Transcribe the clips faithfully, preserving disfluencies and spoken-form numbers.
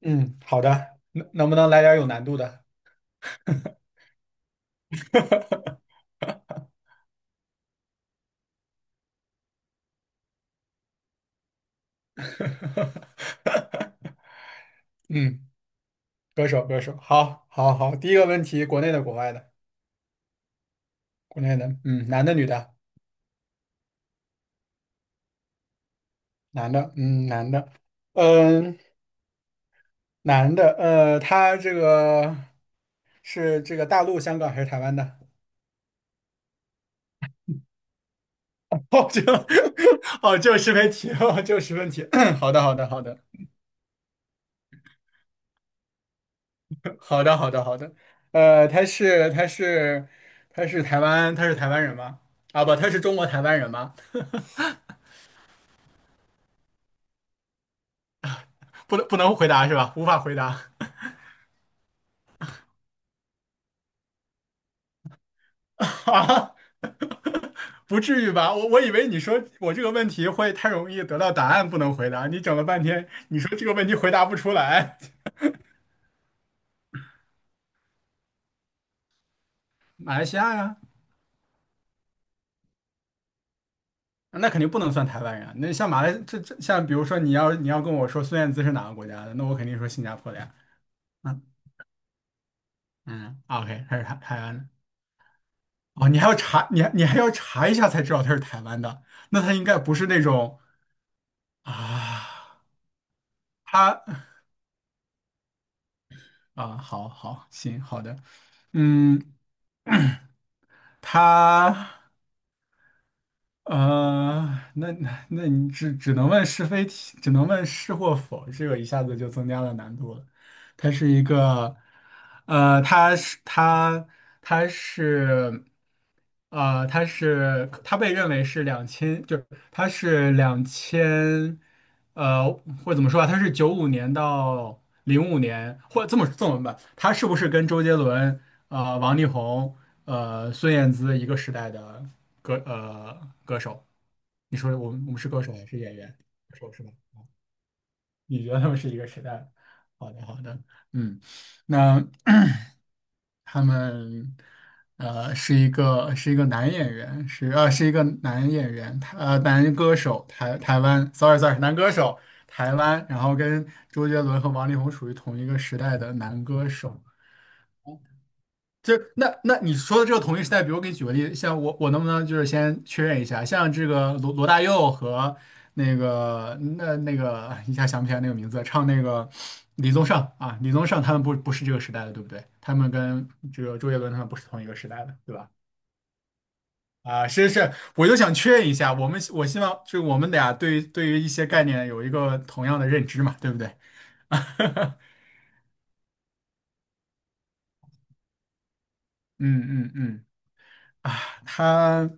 嗯，好的，能能不能来点儿有难度的？嗯，歌手歌手，好，好，好，第一个问题，国内的，国外的，国内的，嗯，男的，女的，男的，嗯，男的，嗯，男的，呃，他这个是这个大陆、香港还是台湾的？哦，就，哦，就个是问题，哦，这个是问题，好的，好的，好的，好的，好的，好的。呃，他是他是他是台湾，他是台湾人吗？啊，不，他是中国台湾人吗？不能不能回答是吧？无法回答。啊不至于吧？我我以为你说我这个问题会太容易得到答案，不能回答。你整了半天，你说这个问题回答不出来。马来西亚呀，那肯定不能算台湾人啊那像马来这这像比如说你要你要跟我说孙燕姿是哪个国家的，那我肯定说新加坡的呀。嗯嗯，OK，他是台台湾的。哦，你还要查，你还你还要查一下才知道他是台湾的，那他应该不是那种啊，他啊，好好行，好的，嗯，他。呃，那那那你只只能问是非题，只能问是或否，这个一下子就增加了难度了。它是一个，呃，它是它它是，呃，它是它被认为是两千，就是它是两千，呃，或者怎么说啊？它是九五年到零五年，或这么这么吧，它是不是跟周杰伦？呃，王力宏，呃，孙燕姿一个时代的歌呃歌手。你说我们我们是歌手还是演员？歌手是吧？你觉得他们是一个时代的？好的，好的，嗯，那 他们呃是一个是一个男演员，是呃是一个男演员，他呃男歌手，台台湾，sorry sorry，男歌手，台湾，然后跟周杰伦和王力宏属于同一个时代的男歌手。就是那那你说的这个同一时代，比如我给你举个例，子，像我我能不能就是先确认一下，像这个罗罗大佑和那个那那个一下想不起来那个名字，唱那个李宗盛啊，李宗盛他们不不是这个时代的，对不对？他们跟这个周杰伦他们不是同一个时代的，对吧？啊，是是，我就想确认一下，我们我希望就是我们俩对对于一些概念有一个同样的认知嘛，对不对？嗯嗯嗯，啊，他。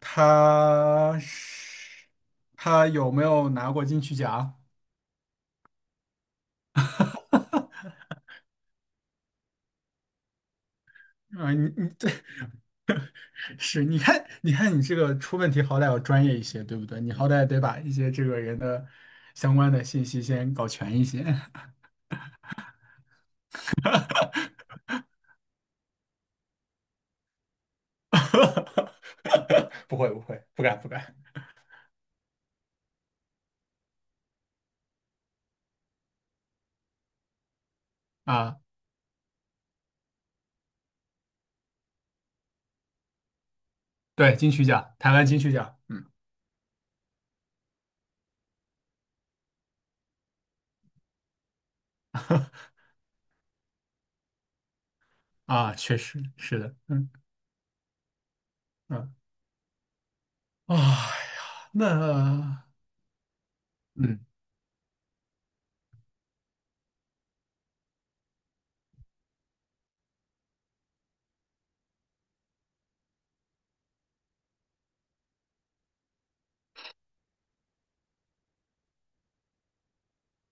他是他有没有拿过金曲奖？啊、你你对，是你看，你看你这个出问题，好歹要专业一些，对不对？你好歹得把一些这个人的相关的信息先搞全一些。不会不会，不敢不敢啊！对，金曲奖，台湾金曲奖，嗯 啊，确实是的，嗯嗯，哎呀，那嗯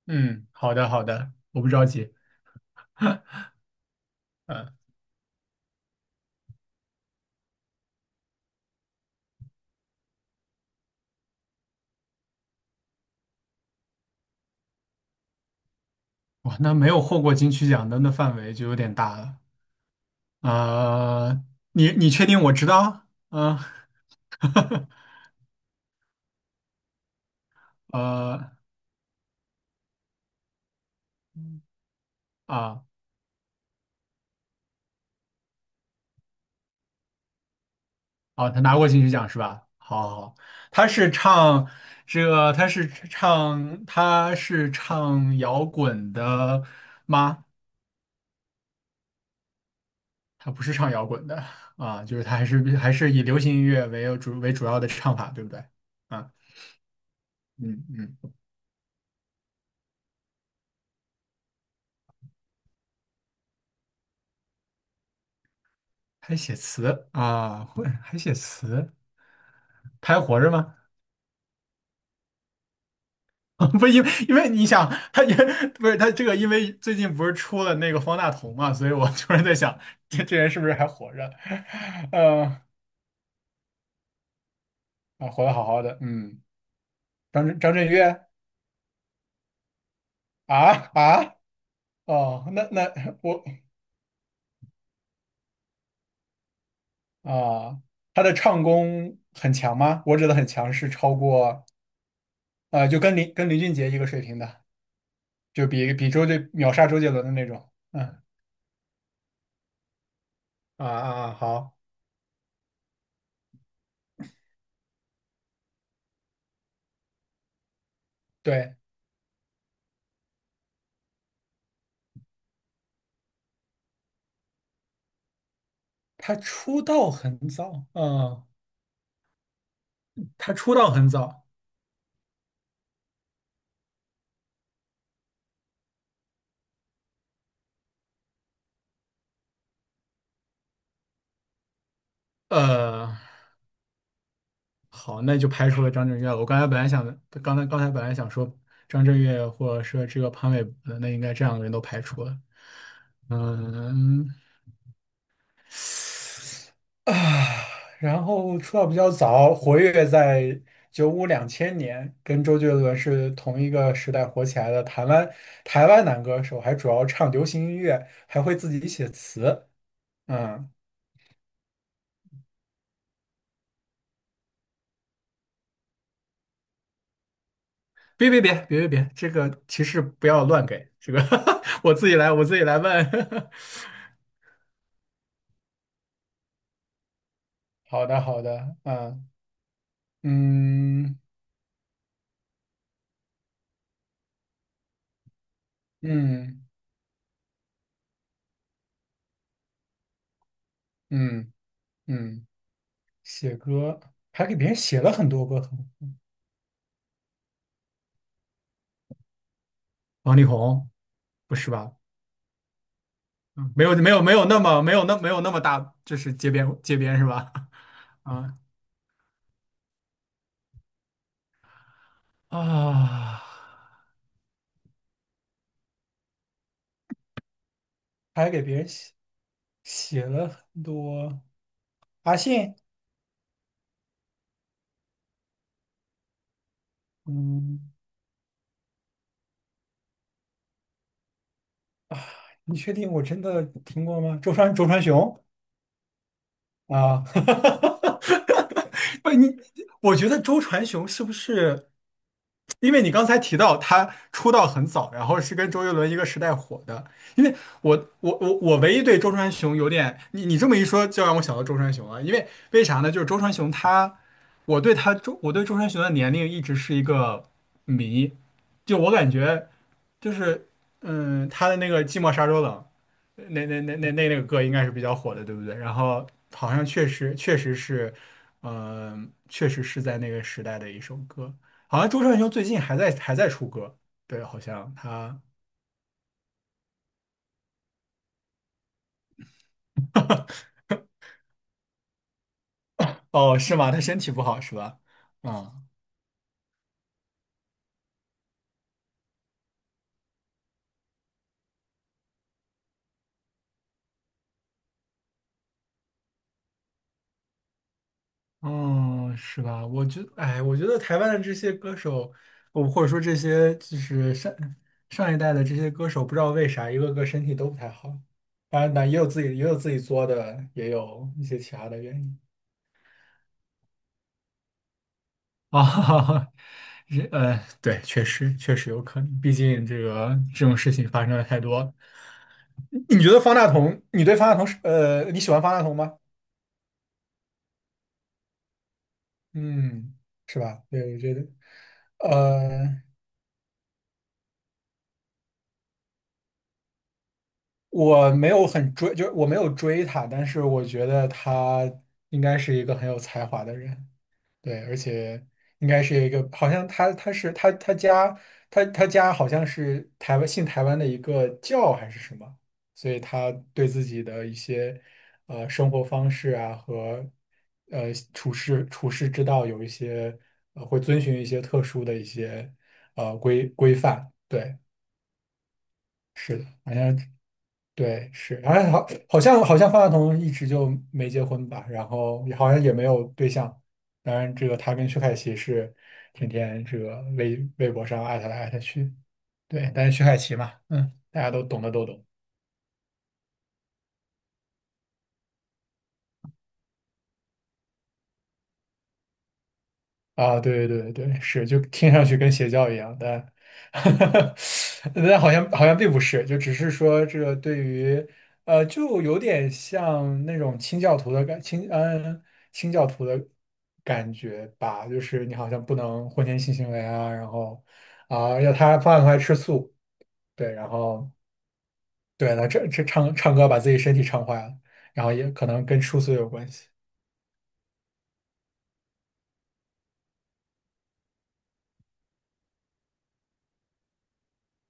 嗯，好的好的，我不着急。嗯。哇，那没有获过金曲奖的那范围就有点大了。呃，你你确定我知道？嗯、呃啊啊，他拿过金曲奖是吧？好，好，好，他是唱这个，他是唱他是唱摇滚的，他不是唱摇滚的啊，就是他还是还是以流行音乐为主为主要的唱法，对不对？啊，嗯嗯，还写词啊，会还写词，他还活着吗？不，因为因为你想，他也不是他这个，因为最近不是出了那个方大同嘛，所以我突然在想，这这人是不是还活着？呃，啊，活得好好的，嗯，张震张震岳啊啊哦，那那我啊，他的唱功很强吗？我指的很强是超过呃，就跟林跟林俊杰一个水平的，就比比周杰秒杀周杰伦的那种，嗯啊啊啊，好，对，他出道很早，嗯，他出道很早。呃，好，那就排除了张震岳了。我刚才本来想，刚才刚才本来想说张震岳或者说这个潘玮柏的，那应该这两个人都排除了。嗯，啊，然后出道比较早，活跃在九五两千年，跟周杰伦是同一个时代火起来的台湾台湾男歌手，还主要唱流行音乐，还会自己写词。嗯，别别别别别别，这个提示不要乱给，这个 我自己来，我自己来问。好的好的，啊，嗯嗯嗯嗯，写歌还给别人写了很多歌，王力宏不是吧？嗯，没有没有没有那么没有那没有那么大，就是街边街边是吧？啊啊，还给别人写写了很多，阿信，嗯。你确定我真的听过吗？周传周传雄啊，不，你我觉得周传雄是不是？因为你刚才提到他出道很早，然后是跟周杰伦一个时代火的。因为我我我我唯一对周传雄有点，你你这么一说，就让我想到周传雄了。因为为啥呢？就是周传雄他，我对他周我对周传雄的年龄一直是一个谜，就我感觉就是嗯，他的那个《寂寞沙洲冷》那那那那那那个歌应该是比较火的，对不对？然后好像确实确实是，嗯、确实是在那个时代的一首歌。好像周传雄最近还在还在出歌，对，好像他，哦，是吗？他身体不好是吧？嗯，嗯，是吧？我觉哎，我觉得台湾的这些歌手，我或者说这些就是上上一代的这些歌手，不知道为啥一个个身体都不太好。当然，那也有自己也有自己作的，也有一些其他的原因。啊，这呃，对，确实确实有可能，毕竟这个这种事情发生的太多了。你觉得方大同，你对方大同是呃，你喜欢方大同吗？嗯，是吧？对，我觉得，呃，我没有很追，就是我没有追他，但是我觉得他应该是一个很有才华的人。对，而且应该是一个，好像他他是他他家他他家好像是台湾信台湾的一个教还是什么，所以他对自己的一些呃生活方式啊和呃处事处事之道有一些呃会遵循一些特殊的一些呃规规范。对，是的，好像对，是，好像好，好像好像方大同一直就没结婚吧，然后也好像也没有对象。当然，这个他跟薛凯琪是天天这个微微博上艾特来艾特去，对，但是薛凯琪嘛，嗯，大家都懂的都懂。啊，对对对对，是，就听上去跟邪教一样，但 但好像好像并不是，就只是说这个对于呃，就有点像那种清教徒的感清嗯清教徒的感觉吧，就是你好像不能婚前性行为啊，然后啊，要他饭后还吃素，对，然后对了，这这唱唱歌把自己身体唱坏了，然后也可能跟吃素有关系，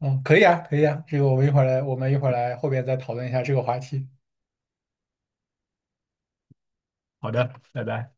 嗯，可以啊，可以啊，这个我们一会儿来，我们一会儿来后边再讨论一下这个话题。好的，拜拜。